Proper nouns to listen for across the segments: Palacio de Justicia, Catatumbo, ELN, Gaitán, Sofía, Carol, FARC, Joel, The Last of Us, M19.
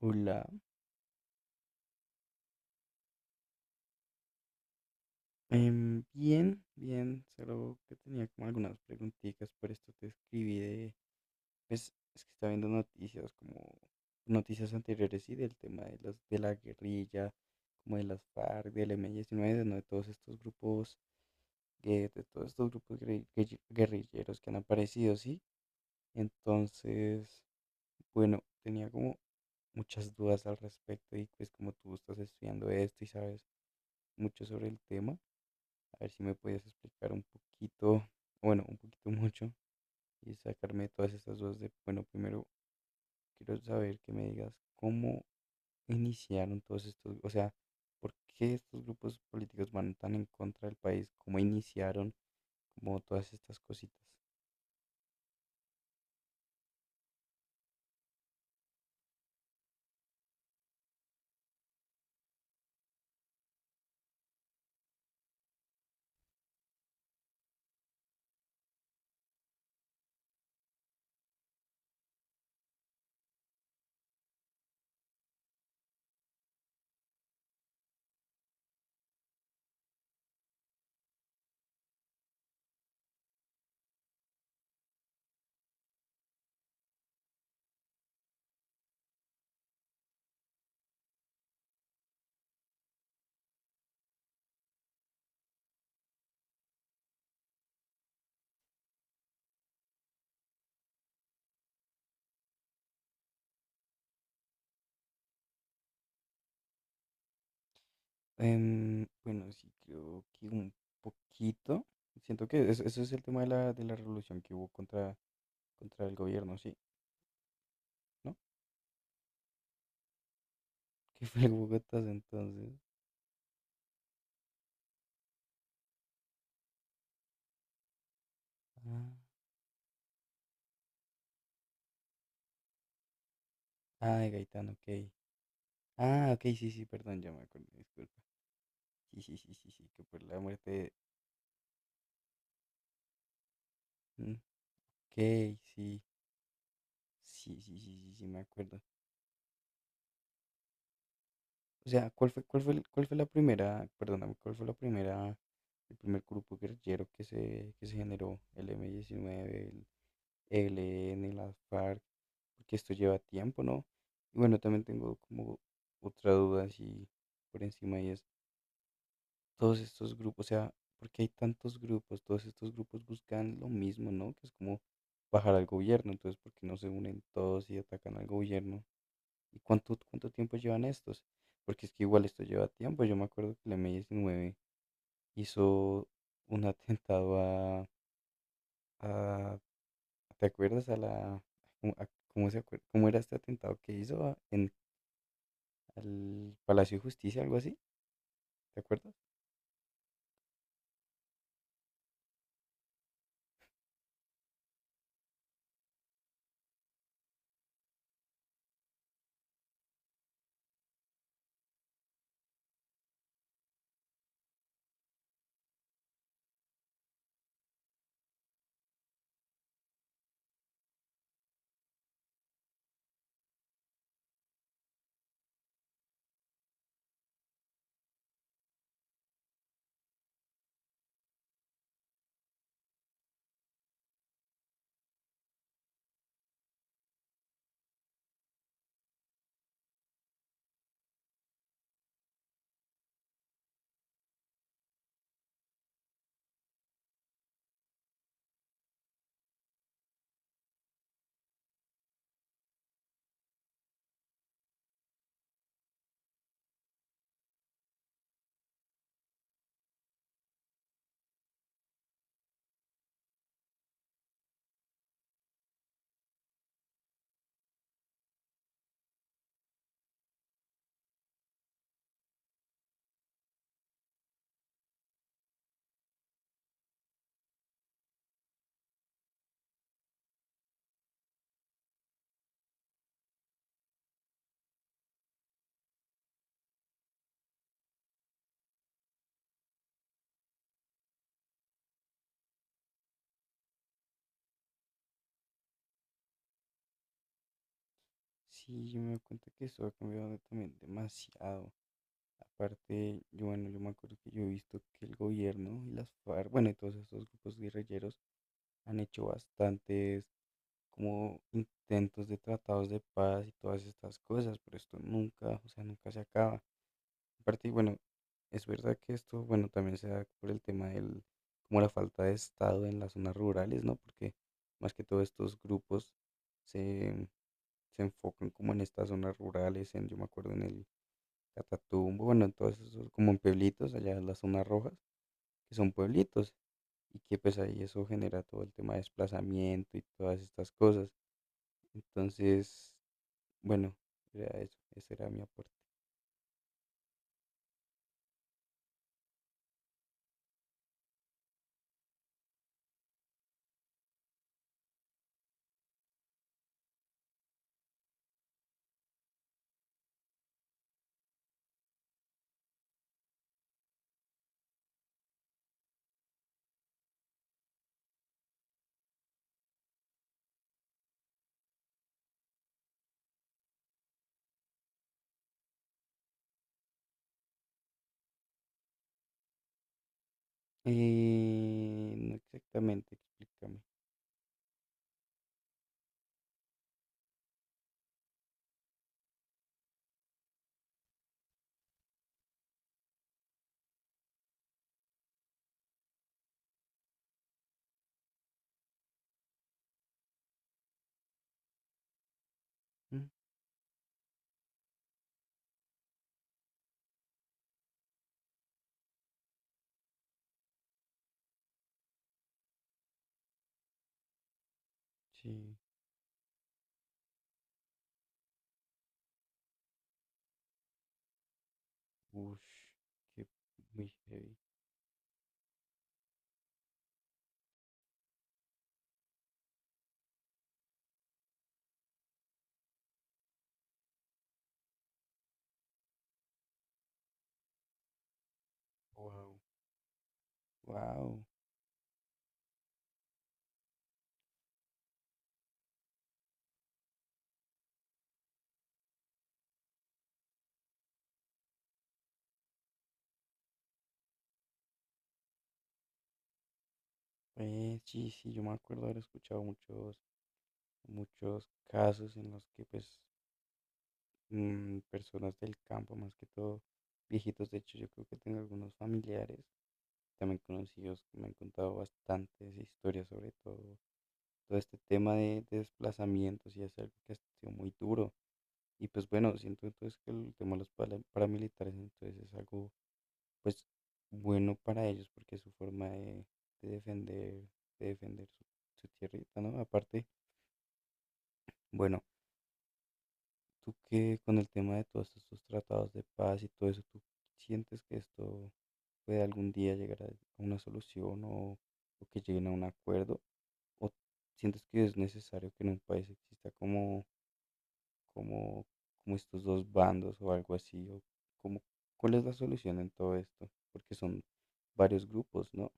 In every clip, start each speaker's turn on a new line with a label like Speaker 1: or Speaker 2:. Speaker 1: Hola. Bien, bien, solo que tenía como algunas preguntitas, por esto te escribí de, pues es que estaba viendo noticias como noticias anteriores y del tema de las de la guerrilla, como de las FARC, del M19, ¿no? De todos estos grupos, de todos estos grupos guerrilleros que han aparecido, ¿sí? Entonces, bueno, tenía como muchas dudas al respecto y pues como tú estás estudiando esto y sabes mucho sobre el tema. A ver si me podías explicar un poquito, bueno, un poquito mucho y sacarme todas estas dudas de, bueno, primero quiero saber que me digas cómo iniciaron todos estos, o sea, por qué estos grupos políticos van tan en contra del país, cómo iniciaron como todas estas cositas. Bueno, sí, creo que un poquito. Siento que eso es el tema de de la revolución que hubo contra, contra el gobierno, sí, ¿no? Que fue el Bogotá entonces. Ah, ah, de Gaitán, ok. Ah, ok, sí, sí, perdón, ya me acordé, disculpa. Sí, sí, sí, sí, sí, que por la muerte de... Mm. Ok, sí, sí, sí, sí, sí, sí, me acuerdo. O sea, cuál fue la primera, perdóname, cuál fue la primera, el primer grupo guerrillero que que se generó? ¿El M-19, el ELN, las FARC? Porque esto lleva tiempo, ¿no? Y bueno, también tengo como otra duda así por encima y es... todos estos grupos, o sea, porque hay tantos grupos, todos estos grupos buscan lo mismo, ¿no? Que es como bajar al gobierno. Entonces, ¿por qué no se unen todos y atacan al gobierno? ¿Y cuánto tiempo llevan estos? Porque es que igual esto lleva tiempo, yo me acuerdo que el M19 hizo un atentado a- ¿te acuerdas? A la, ¿cómo, a- cómo se acuer- cómo era este atentado que hizo en al Palacio de Justicia, algo así? ¿Te acuerdas? Sí, yo me doy cuenta que eso ha cambiado también demasiado. Aparte, yo, bueno, yo me acuerdo que yo he visto que el gobierno y las FARC, bueno, y todos estos grupos guerrilleros han hecho bastantes como intentos de tratados de paz y todas estas cosas, pero esto nunca, o sea, nunca se acaba. Aparte, y bueno, es verdad que esto, bueno, también se da por el tema del, como la falta de Estado en las zonas rurales, ¿no? Porque más que todo estos grupos se, se enfocan como en estas zonas rurales, en, yo me acuerdo en el Catatumbo, bueno, en todos esos, como en pueblitos, allá en las zonas rojas, que son pueblitos, y que pues ahí eso genera todo el tema de desplazamiento y todas estas cosas. Entonces, bueno, era eso, ese era mi aporte. No exactamente, explícame. Mm. Sí, uff, qué muy heavy. Wow. Wow. Sí, sí, yo me acuerdo haber escuchado muchos, muchos casos en los que pues mm, personas del campo, más que todo viejitos. De hecho, yo creo que tengo algunos familiares, también conocidos, que me han contado bastantes historias sobre todo este tema de desplazamientos y es algo que ha sido muy duro. Y pues bueno, siento entonces que el tema de los paramilitares entonces es algo pues bueno para ellos porque es su forma de defender, de defender su, su tierrita, ¿no? Aparte, bueno. Tú qué con el tema de todos estos tratados de paz y todo eso, ¿tú sientes que esto puede algún día llegar a una solución o que lleguen a un acuerdo? ¿O sientes que es necesario que en un país exista como, como estos dos bandos o algo así? ¿O como, cuál es la solución en todo esto? Porque son varios grupos, ¿no?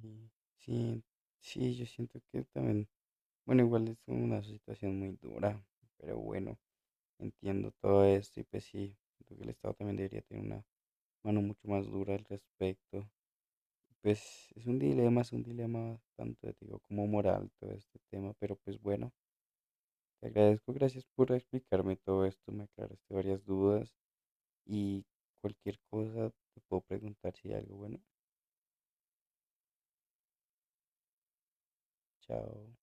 Speaker 1: Sí, sí, sí, yo siento que también, bueno, igual es una situación muy dura, pero bueno. Entiendo todo esto y pues sí, creo que el Estado también debería tener una mano mucho más dura al respecto. Pues es un dilema tanto, te digo, como moral todo este tema, pero pues bueno, te agradezco, gracias por explicarme todo esto, me aclaraste varias dudas y cualquier cosa te puedo preguntar si hay algo bueno. Chao.